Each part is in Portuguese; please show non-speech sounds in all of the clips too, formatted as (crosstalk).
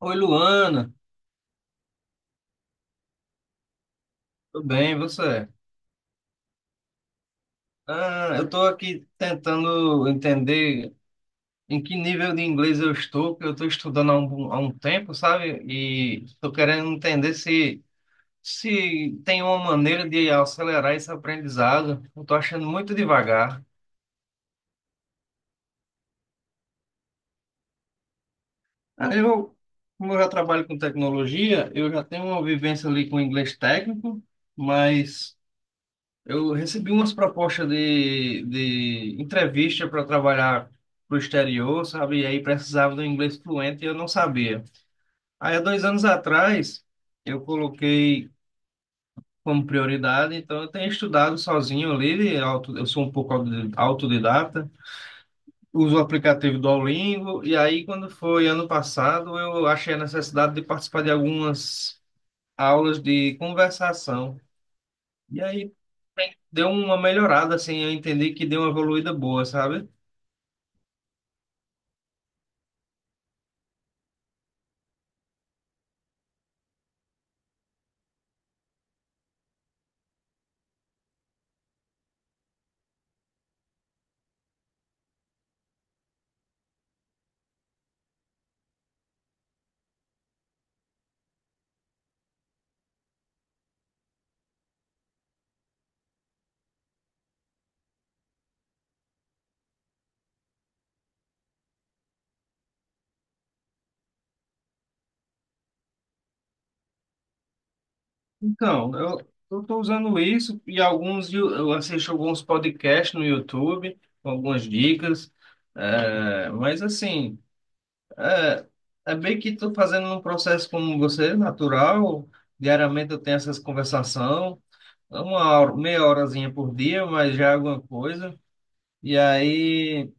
Oi, Luana. Tudo bem, e você? Ah, eu estou aqui tentando entender em que nível de inglês eu estou, que eu estou estudando há um tempo, sabe? E estou querendo entender se tem uma maneira de acelerar esse aprendizado. Eu estou achando muito devagar. Ah, como eu já trabalho com tecnologia, eu já tenho uma vivência ali com inglês técnico, mas. Eu recebi umas propostas de entrevista para trabalhar pro exterior, sabe? E aí precisava do inglês fluente e eu não sabia. Aí há dois anos atrás eu coloquei como prioridade, então eu tenho estudado sozinho ali, eu sou um pouco autodidata, uso o aplicativo do Duolingo, e aí quando foi ano passado eu achei a necessidade de participar de algumas aulas de conversação. E aí deu uma melhorada, assim, eu entendi que deu uma evoluída boa, sabe? Então, eu estou usando isso e eu assisto alguns podcasts no YouTube, com algumas dicas, mas assim, é, bem que estou fazendo um processo como você, natural. Diariamente eu tenho essas conversação, uma hora, meia horazinha por dia, mas já é alguma coisa. E aí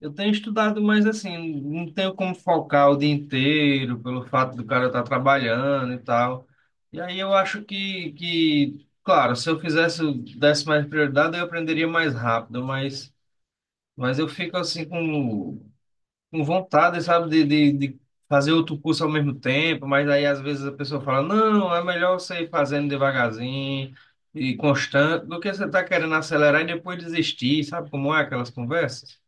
eu tenho estudado, mas assim, não tenho como focar o dia inteiro pelo fato do cara estar trabalhando e tal. E aí eu acho que, claro, se eu fizesse, desse mais prioridade, eu aprenderia mais rápido, mas eu fico assim com vontade, sabe, de fazer outro curso ao mesmo tempo, mas aí às vezes a pessoa fala, não, é melhor você ir fazendo devagarzinho e constante do que você tá querendo acelerar e depois desistir, sabe como é aquelas conversas?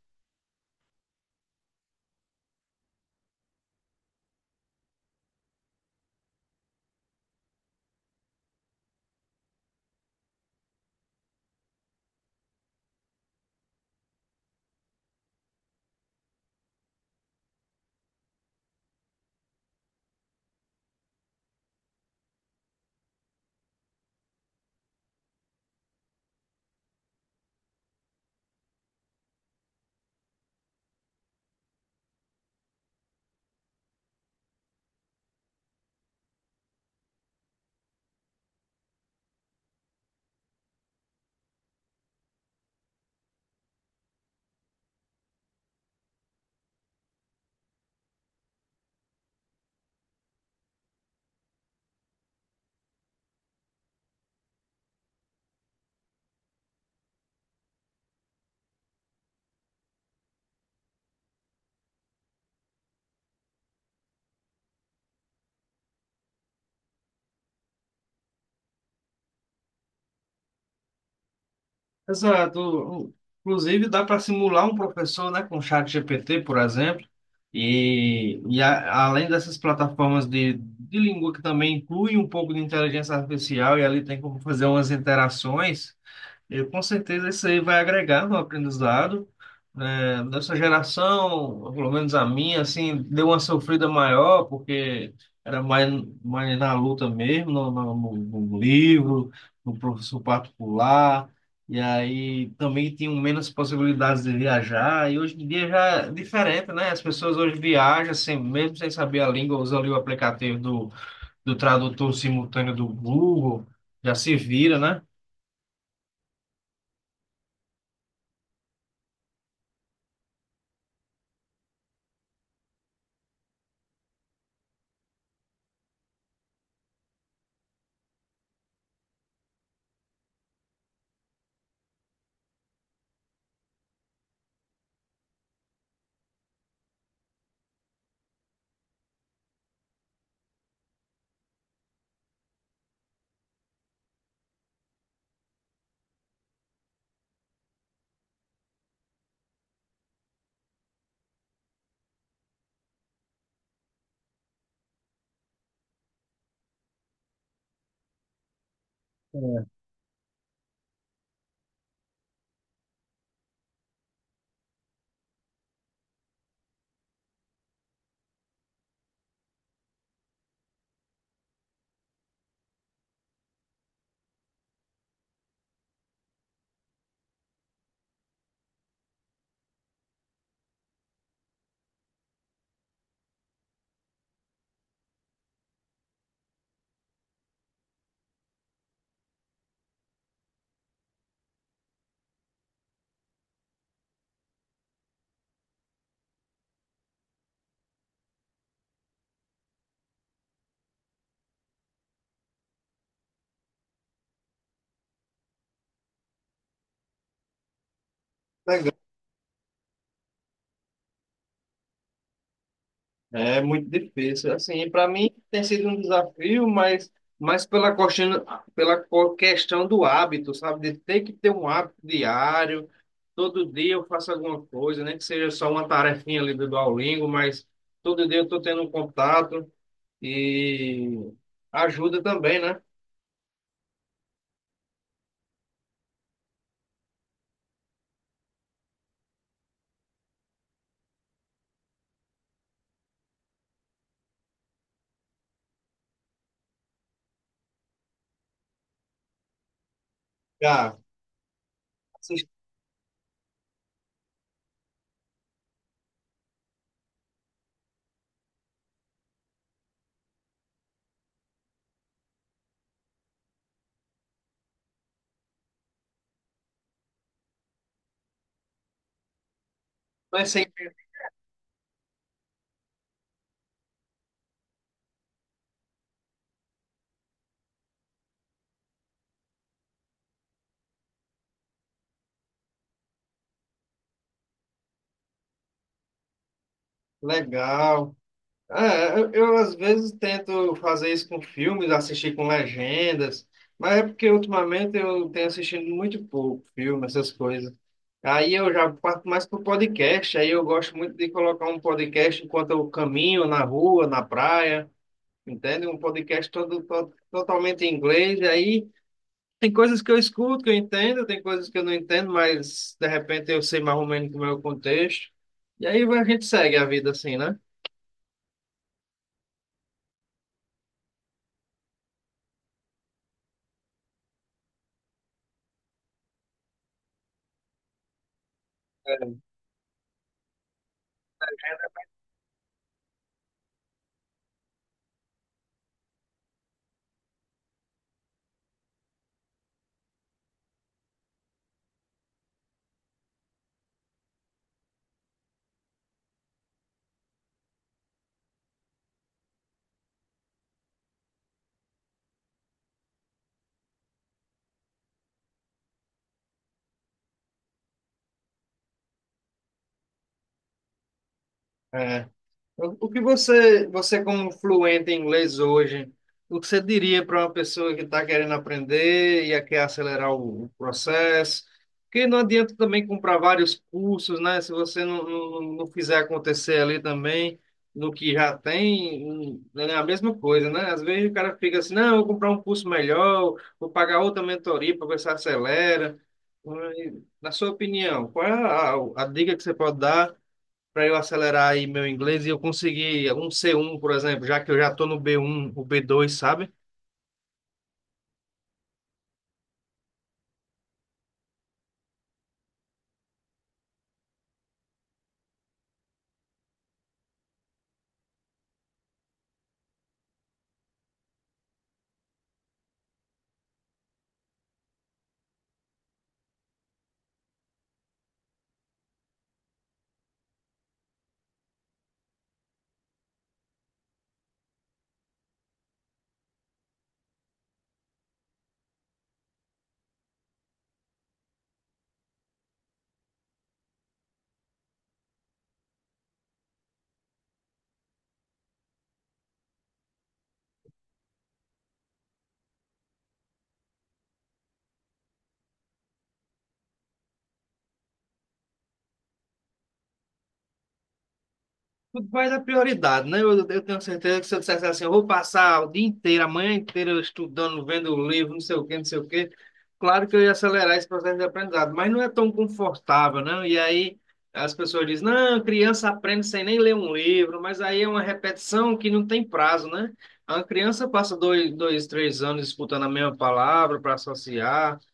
Exato. Inclusive, dá para simular um professor, né, com o ChatGPT, por exemplo, e além dessas plataformas de língua que também inclui um pouco de inteligência artificial, e ali tem como fazer umas interações. Eu, com certeza isso aí vai agregar no aprendizado. Né? Nessa geração, pelo menos a minha, assim, deu uma sofrida maior, porque era mais, mais na luta mesmo, no livro, no professor particular, e aí também tinham menos possibilidades de viajar, e hoje em dia já é diferente, né? As pessoas hoje viajam, assim, mesmo sem saber a língua, usam ali o aplicativo do, do tradutor simultâneo do Google, já se vira, né? É. É muito difícil. Assim, para mim tem sido um desafio, mas mais pela questão, pela questão do hábito, sabe? De ter que ter um hábito diário. Todo dia eu faço alguma coisa, nem que seja só uma tarefinha ali do Duolingo, mas todo dia eu estou tendo um contato e ajuda também, né? Já, assim, não é sempre legal. É, eu, às vezes tento fazer isso com filmes, assistir com legendas, mas é porque ultimamente eu tenho assistido muito pouco filme, essas coisas. Aí eu já parto mais pro podcast, aí eu gosto muito de colocar um podcast enquanto eu caminho na rua, na praia, entende? Um podcast todo, totalmente em inglês, e aí tem coisas que eu escuto, que eu entendo, tem coisas que eu não entendo, mas de repente eu sei mais ou menos como é o contexto. E aí a gente segue a vida assim, né? É. O que você, você como fluente em inglês hoje, o que você diria para uma pessoa que está querendo aprender e quer acelerar o processo? Porque não adianta também comprar vários cursos, né? Se você não fizer acontecer ali também, no que já tem, é a mesma coisa, né? Às vezes o cara fica assim, não, eu vou comprar um curso melhor, vou pagar outra mentoria para ver se acelera. Mas, na sua opinião, qual é a dica que você pode dar? Para eu acelerar aí meu inglês e eu conseguir um C1, por exemplo, já que eu já estou no B1, o B2, sabe? Tudo vai da prioridade, né? Eu tenho certeza que se eu dissesse assim, eu vou passar o dia inteiro, a manhã inteira estudando, vendo livro, não sei o quê, não sei o quê. Claro que eu ia acelerar esse processo de aprendizado, mas não é tão confortável, né? E aí as pessoas dizem, não, criança aprende sem nem ler um livro, mas aí é uma repetição que não tem prazo, né? A criança passa dois, dois, três anos disputando a mesma palavra para associar. (laughs)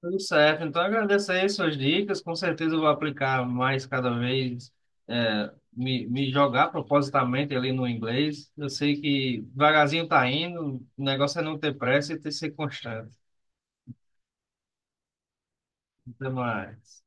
Tudo certo. Então, agradeço aí suas dicas. Com certeza eu vou aplicar mais cada vez, me jogar propositalmente ali no inglês. Eu sei que devagarzinho tá indo, o negócio é não ter pressa e ter ser constante. Até mais.